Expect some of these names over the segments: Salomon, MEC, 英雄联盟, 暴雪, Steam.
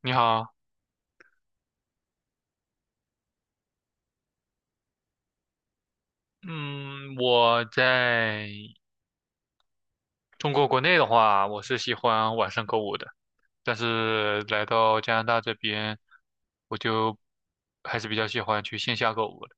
你好。嗯，我在中国国内的话，我是喜欢晚上购物的，但是来到加拿大这边，我就还是比较喜欢去线下购物的。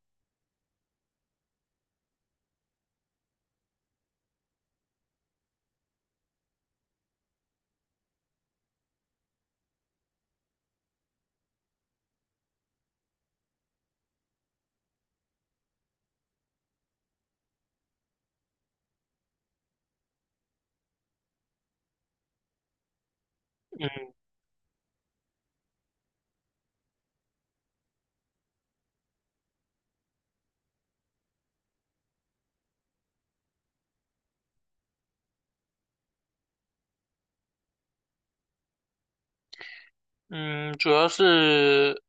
嗯，主要是，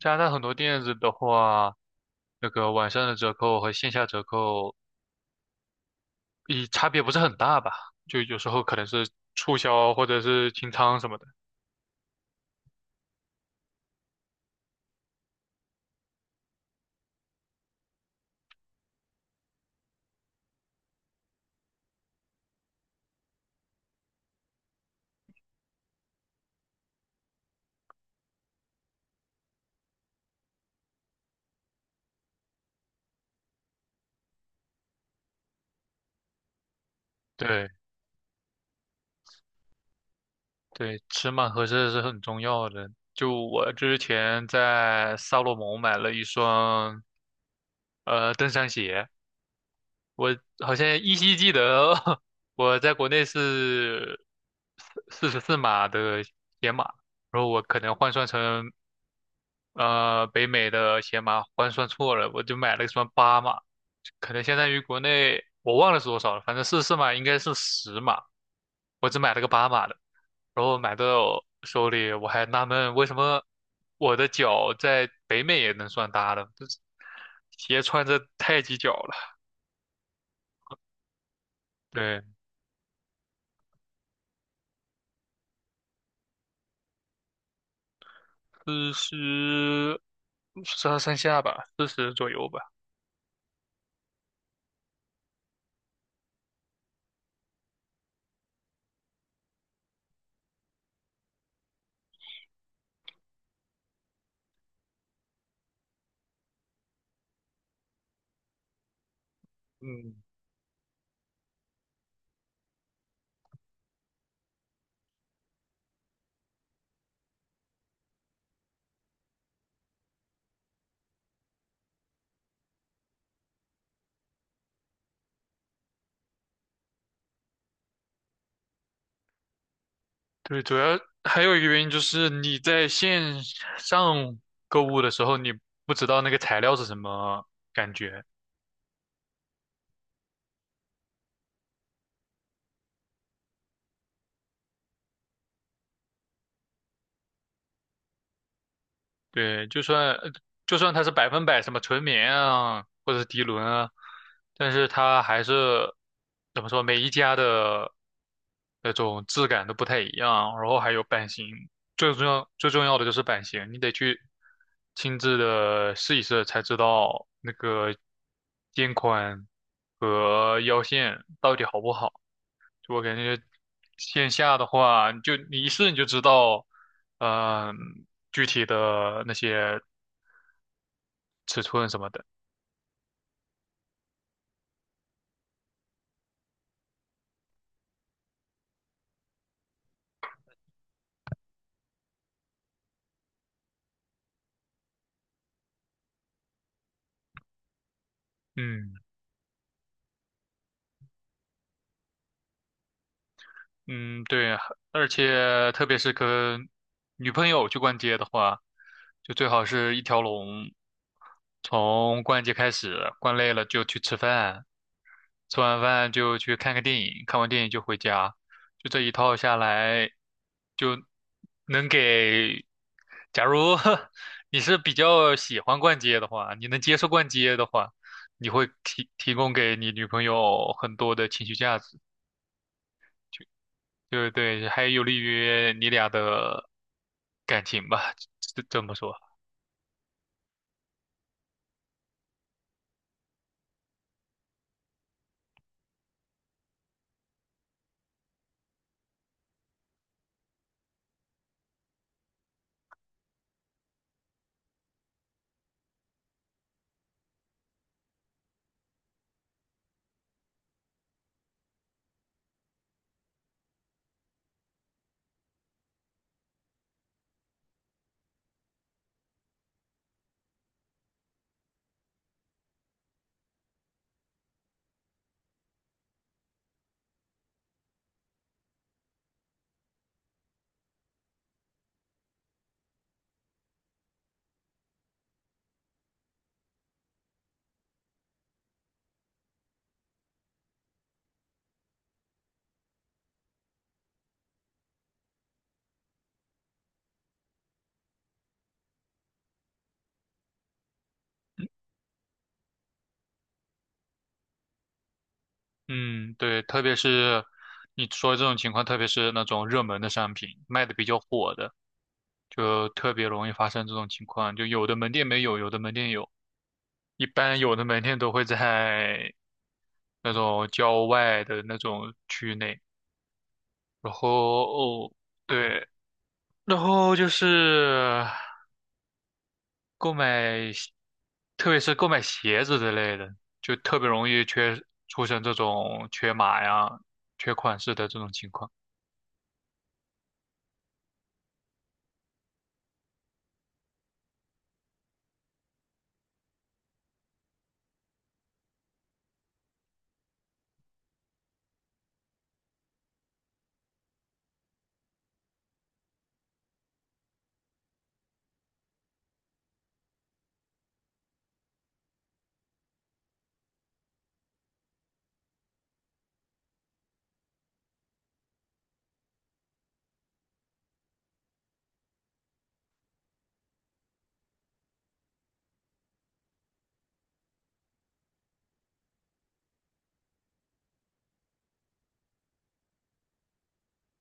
加拿大很多店子的话，那个晚上的折扣和线下折扣，一差别不是很大吧？就有时候可能是促销或者是清仓什么的。对，对，尺码合适是很重要的。就我之前在萨洛蒙买了一双登山鞋，我好像依稀记得 我在国内是44码的鞋码，然后我可能换算成北美的鞋码换算错了，我就买了个什么八码，可能相当于国内我忘了是多少了，反正是码应该是十码，我只买了个八码的，然后买到手里我还纳闷为什么我的脚在北美也能算大的，这鞋穿着太挤脚了。对，四十，上上下吧，四十左右吧。嗯，对，主要还有一个原因就是你在线上购物的时候，你不知道那个材料是什么感觉。对，就算它是100%什么纯棉啊，或者是涤纶啊，但是它还是怎么说，每一家的那种质感都不太一样。然后还有版型，最重要最重要的就是版型，你得去亲自的试一试才知道那个肩宽和腰线到底好不好。就我感觉线下的话，就你一试你就知道，嗯、具体的那些尺寸什么的。嗯。嗯，对，而且特别是跟女朋友去逛街的话，就最好是一条龙，从逛街开始，逛累了就去吃饭，吃完饭就去看个电影，看完电影就回家，就这一套下来，就能给。假如 你是比较喜欢逛街的话，你能接受逛街的话，你会提供给你女朋友很多的情绪价值，对对，还有利于你俩的感情吧，这么说。嗯，对，特别是你说这种情况，特别是那种热门的商品，卖的比较火的。就特别容易发生这种情况。就有的门店没有，有的门店有。一般有的门店都会在那种郊外的那种区域内。然后哦，对，然后就是购买鞋特别是购买鞋子之类的，就特别容易出现这种缺码呀、缺款式的这种情况。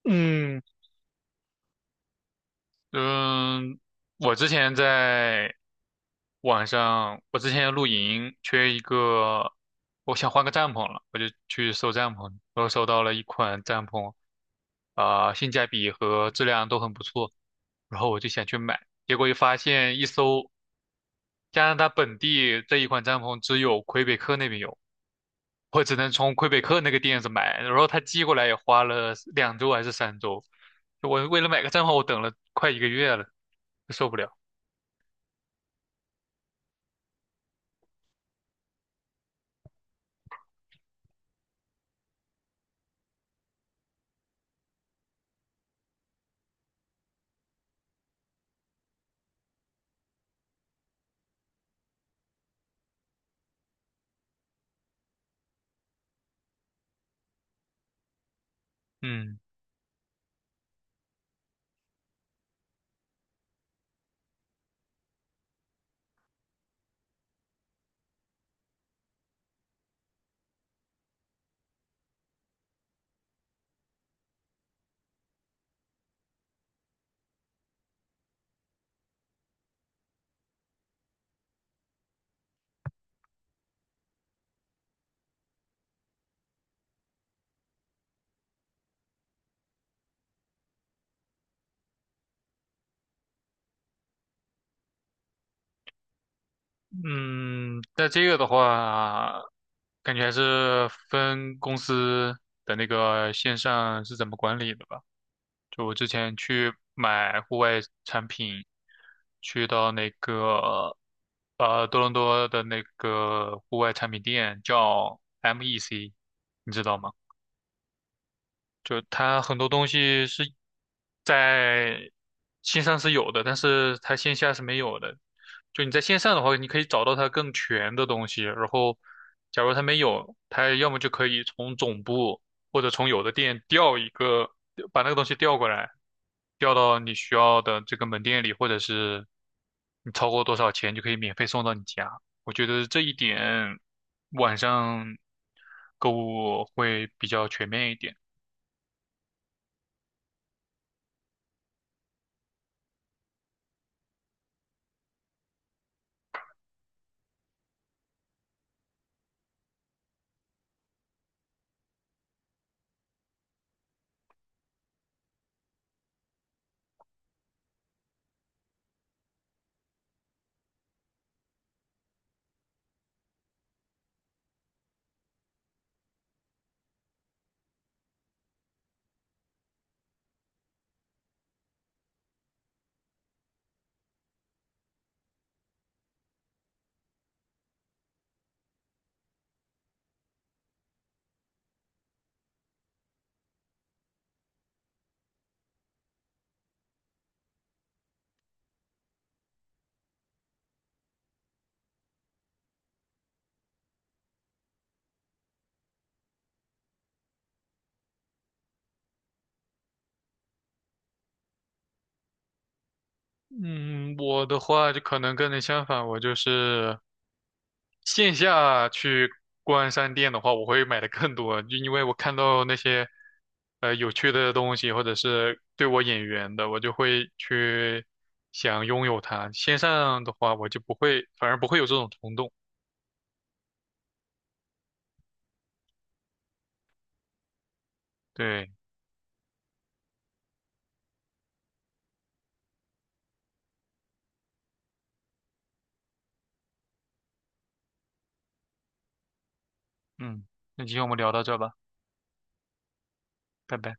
嗯。嗯，我之前在网上，我之前露营缺一个，我想换个帐篷了，我就去搜帐篷，我搜到了一款帐篷，啊、性价比和质量都很不错，然后我就想去买，结果一发现一搜，加拿大本地这一款帐篷只有魁北克那边有，我只能从魁北克那个店子买，然后他寄过来也花了2周还是3周，我为了买个账号，我等了快1个月了，受不了。嗯。嗯，但这个的话，感觉还是分公司的那个线上是怎么管理的吧。就我之前去买户外产品，去到那个多伦多的那个户外产品店叫 MEC，你知道吗？就它很多东西是在线上是有的，但是它线下是没有的。就你在线上的话，你可以找到它更全的东西。然后，假如它没有，它要么就可以从总部或者从有的店调一个，把那个东西调过来，调到你需要的这个门店里，或者是你超过多少钱就可以免费送到你家。我觉得这一点晚上购物会比较全面一点。嗯，我的话就可能跟你相反，我就是线下去逛商店的话，我会买的更多，就因为我看到那些有趣的东西，或者是对我眼缘的，我就会去想拥有它。线上的话，我就不会，反而不会有这种冲动。对。嗯，那今天我们聊到这吧。拜拜。